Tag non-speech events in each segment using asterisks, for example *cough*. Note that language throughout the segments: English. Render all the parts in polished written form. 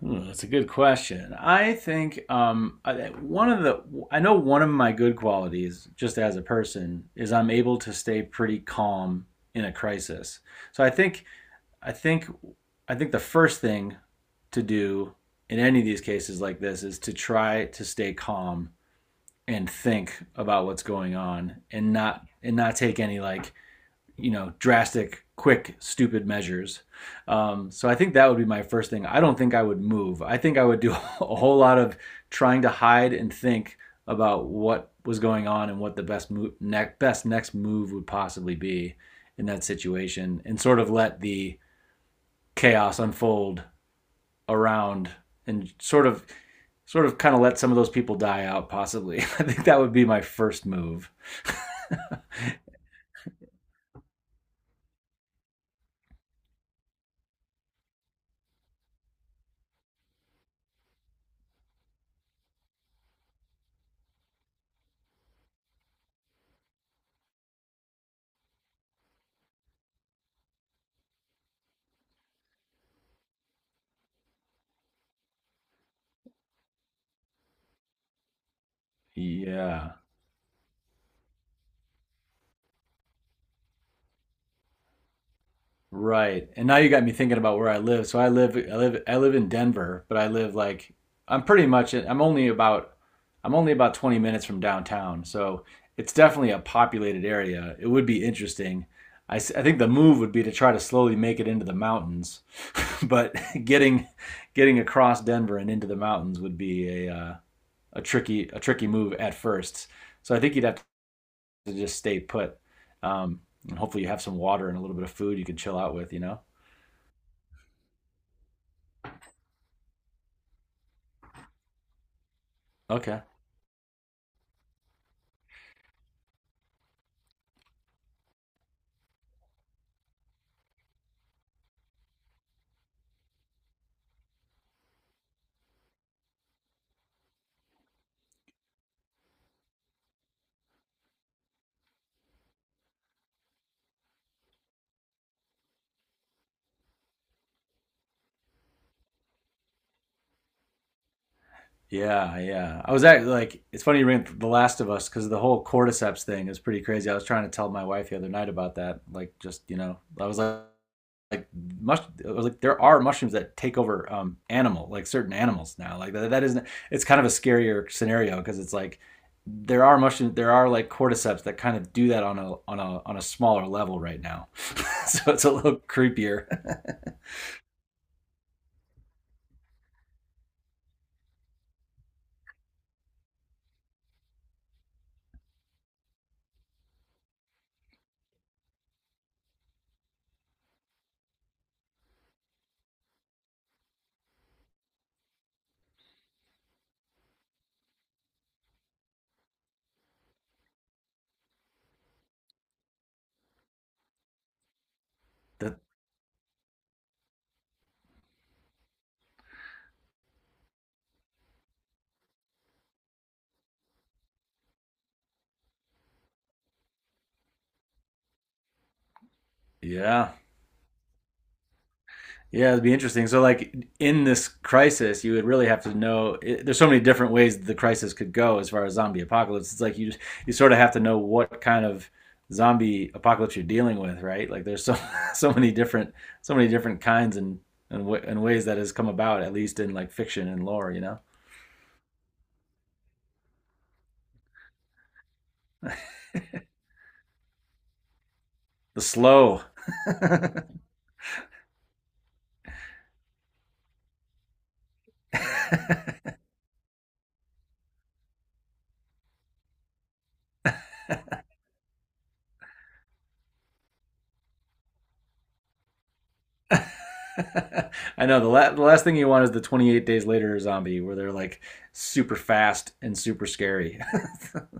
Hmm, that's a good question. One of the I know one of my good qualities, just as a person, is I'm able to stay pretty calm in a crisis. So I think I think the first thing to do in any of these cases like this is to try to stay calm and think about what's going on and not take any like drastic, quick, stupid measures. So I think that would be my first thing. I don't think I would move. I think I would do *laughs* a whole lot of trying to hide and think about what was going on and what the best next move would possibly be in that situation, and sort of let the chaos unfold around and sort of kind of let some of those people die out possibly. *laughs* I think that would be my first move. *laughs* Yeah. Right. And now you got me thinking about where I live. So I live in Denver, but I live like I'm pretty much I'm only about I'm only about 20 minutes from downtown. So it's definitely a populated area. It would be interesting. I think the move would be to try to slowly make it into the mountains, *laughs* but getting getting across Denver and into the mountains would be a tricky move at first. So I think you'd have to just stay put. Um, and hopefully you have some water and a little bit of food you can chill out with, you know? Okay. Yeah, yeah. I was actually like, it's funny you bring up The Last of Us because the whole cordyceps thing is pretty crazy. I was trying to tell my wife the other night about that. Like, just you know, I was like, mush, I was like, there are mushrooms that take over animal, like certain animals now. Like that, that isn't. It's kind of a scarier scenario because it's like there are mushrooms, there are like cordyceps that kind of do that on a smaller level right now. *laughs* So it's a little creepier. *laughs* That, yeah. Yeah, it'd be interesting. So, like in this crisis, you would really have to know. There's so many different ways the crisis could go as far as zombie apocalypse. It's like you just, you sort of have to know what kind of zombie apocalypse you're dealing with, right? Like there's so *laughs* so many different so many different kinds and and ways that has come about, at least in like fiction and lore. You know, the slow. *laughs* I know the last thing you want is the 28 days later zombie where they're like super fast and super scary. *laughs*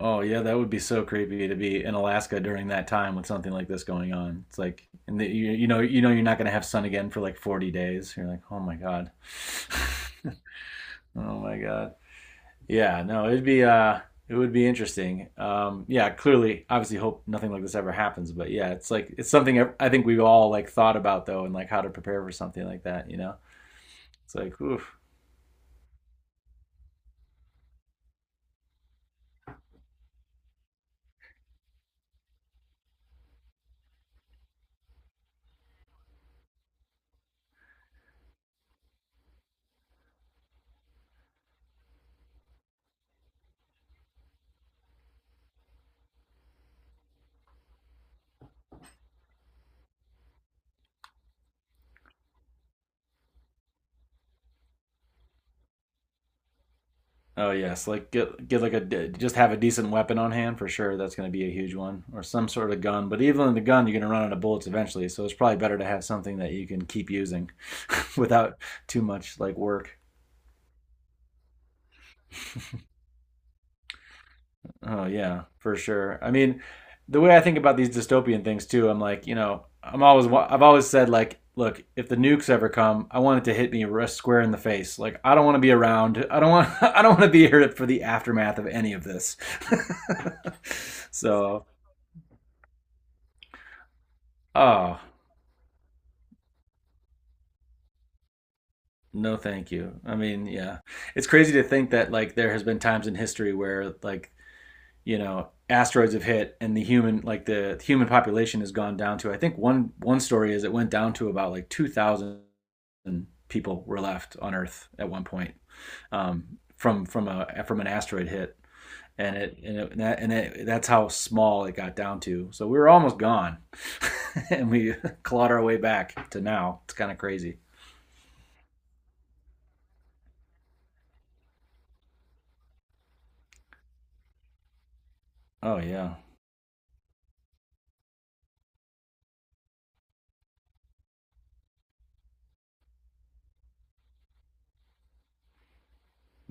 Oh yeah, that would be so creepy to be in Alaska during that time with something like this going on. It's like, and the, you know you're not gonna have sun again for like 40 days. You're like, oh my god, *laughs* oh my god. Yeah, no, it'd be it would be interesting. Yeah, clearly, obviously, hope nothing like this ever happens. But yeah, it's like it's something I think we've all like thought about though, and like how to prepare for something like that. You know, it's like, oof. Oh yes, like get like just have a decent weapon on hand for sure. That's going to be a huge one, or some sort of gun. But even in the gun, you're going to run out of bullets eventually. So it's probably better to have something that you can keep using *laughs* without too much like work. Oh yeah, for sure. I mean, the way I think about these dystopian things too, I'm like, you know, I've always said like, look, if the nukes ever come, I want it to hit me square in the face. Like I don't want to be around. I don't want *laughs* I don't want to be here for the aftermath of any of this. *laughs* So, oh, no, thank you. I mean, yeah. It's crazy to think that like there has been times in history where like, you know, asteroids have hit and the human like the human population has gone down to, I think, one story is it went down to about like 2000 people were left on earth at one point, from a from an asteroid hit. And it and it, and, that, and it, That's how small it got down to. So we were almost gone, *laughs* and we clawed our way back to now. It's kind of crazy. Oh yeah.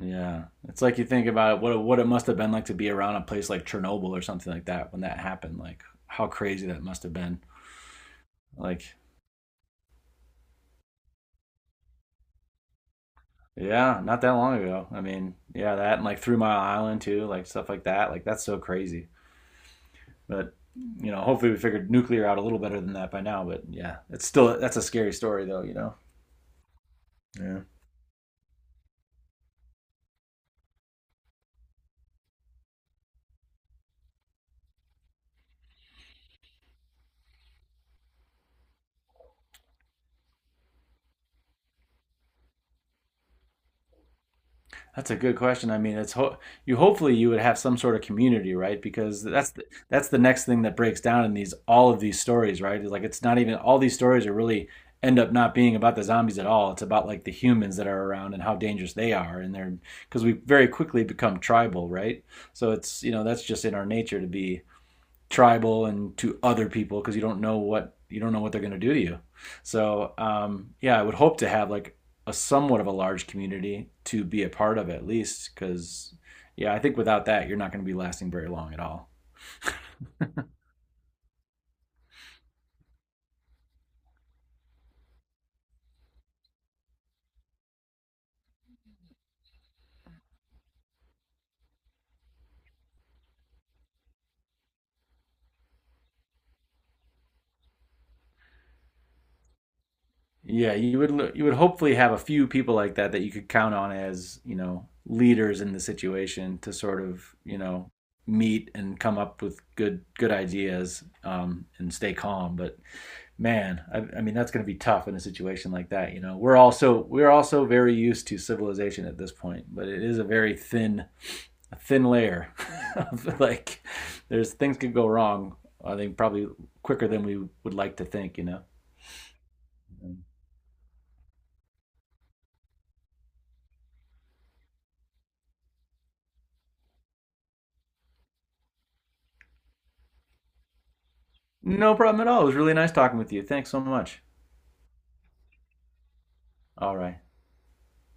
Yeah, it's like you think about it, what it must have been like to be around a place like Chernobyl or something like that when that happened. Like how crazy that must have been. Like, yeah, not that long ago. I mean, yeah, that and like Three Mile Island too, like stuff like that. Like that's so crazy. But you know, hopefully we figured nuclear out a little better than that by now. But yeah, it's still, that's a scary story though. You know. Yeah. That's a good question. I mean, it's ho- you. Hopefully, you would have some sort of community, right? Because that's the next thing that breaks down in these, all of these stories, right? It's like it's not even, all these stories are really end up not being about the zombies at all. It's about like the humans that are around and how dangerous they are, and they're, because we very quickly become tribal, right? So it's, you know, that's just in our nature to be tribal and to other people because you don't know what you don't know what they're going to do to you. So yeah, I would hope to have like a somewhat of a large community to be a part of, at least, because yeah, I think without that you're not going to be lasting very long at all. Yeah, you would hopefully have a few people like that that you could count on as, you know, leaders in the situation to sort of, you know, meet and come up with good ideas, and stay calm. But man, I mean, that's going to be tough in a situation like that. You know, we're also very used to civilization at this point, but it is a very thin a thin layer *laughs* of, like, there's, things could go wrong. I think probably quicker than we would like to think. You know, no problem at all. It was really nice talking with you. Thanks so much. All right.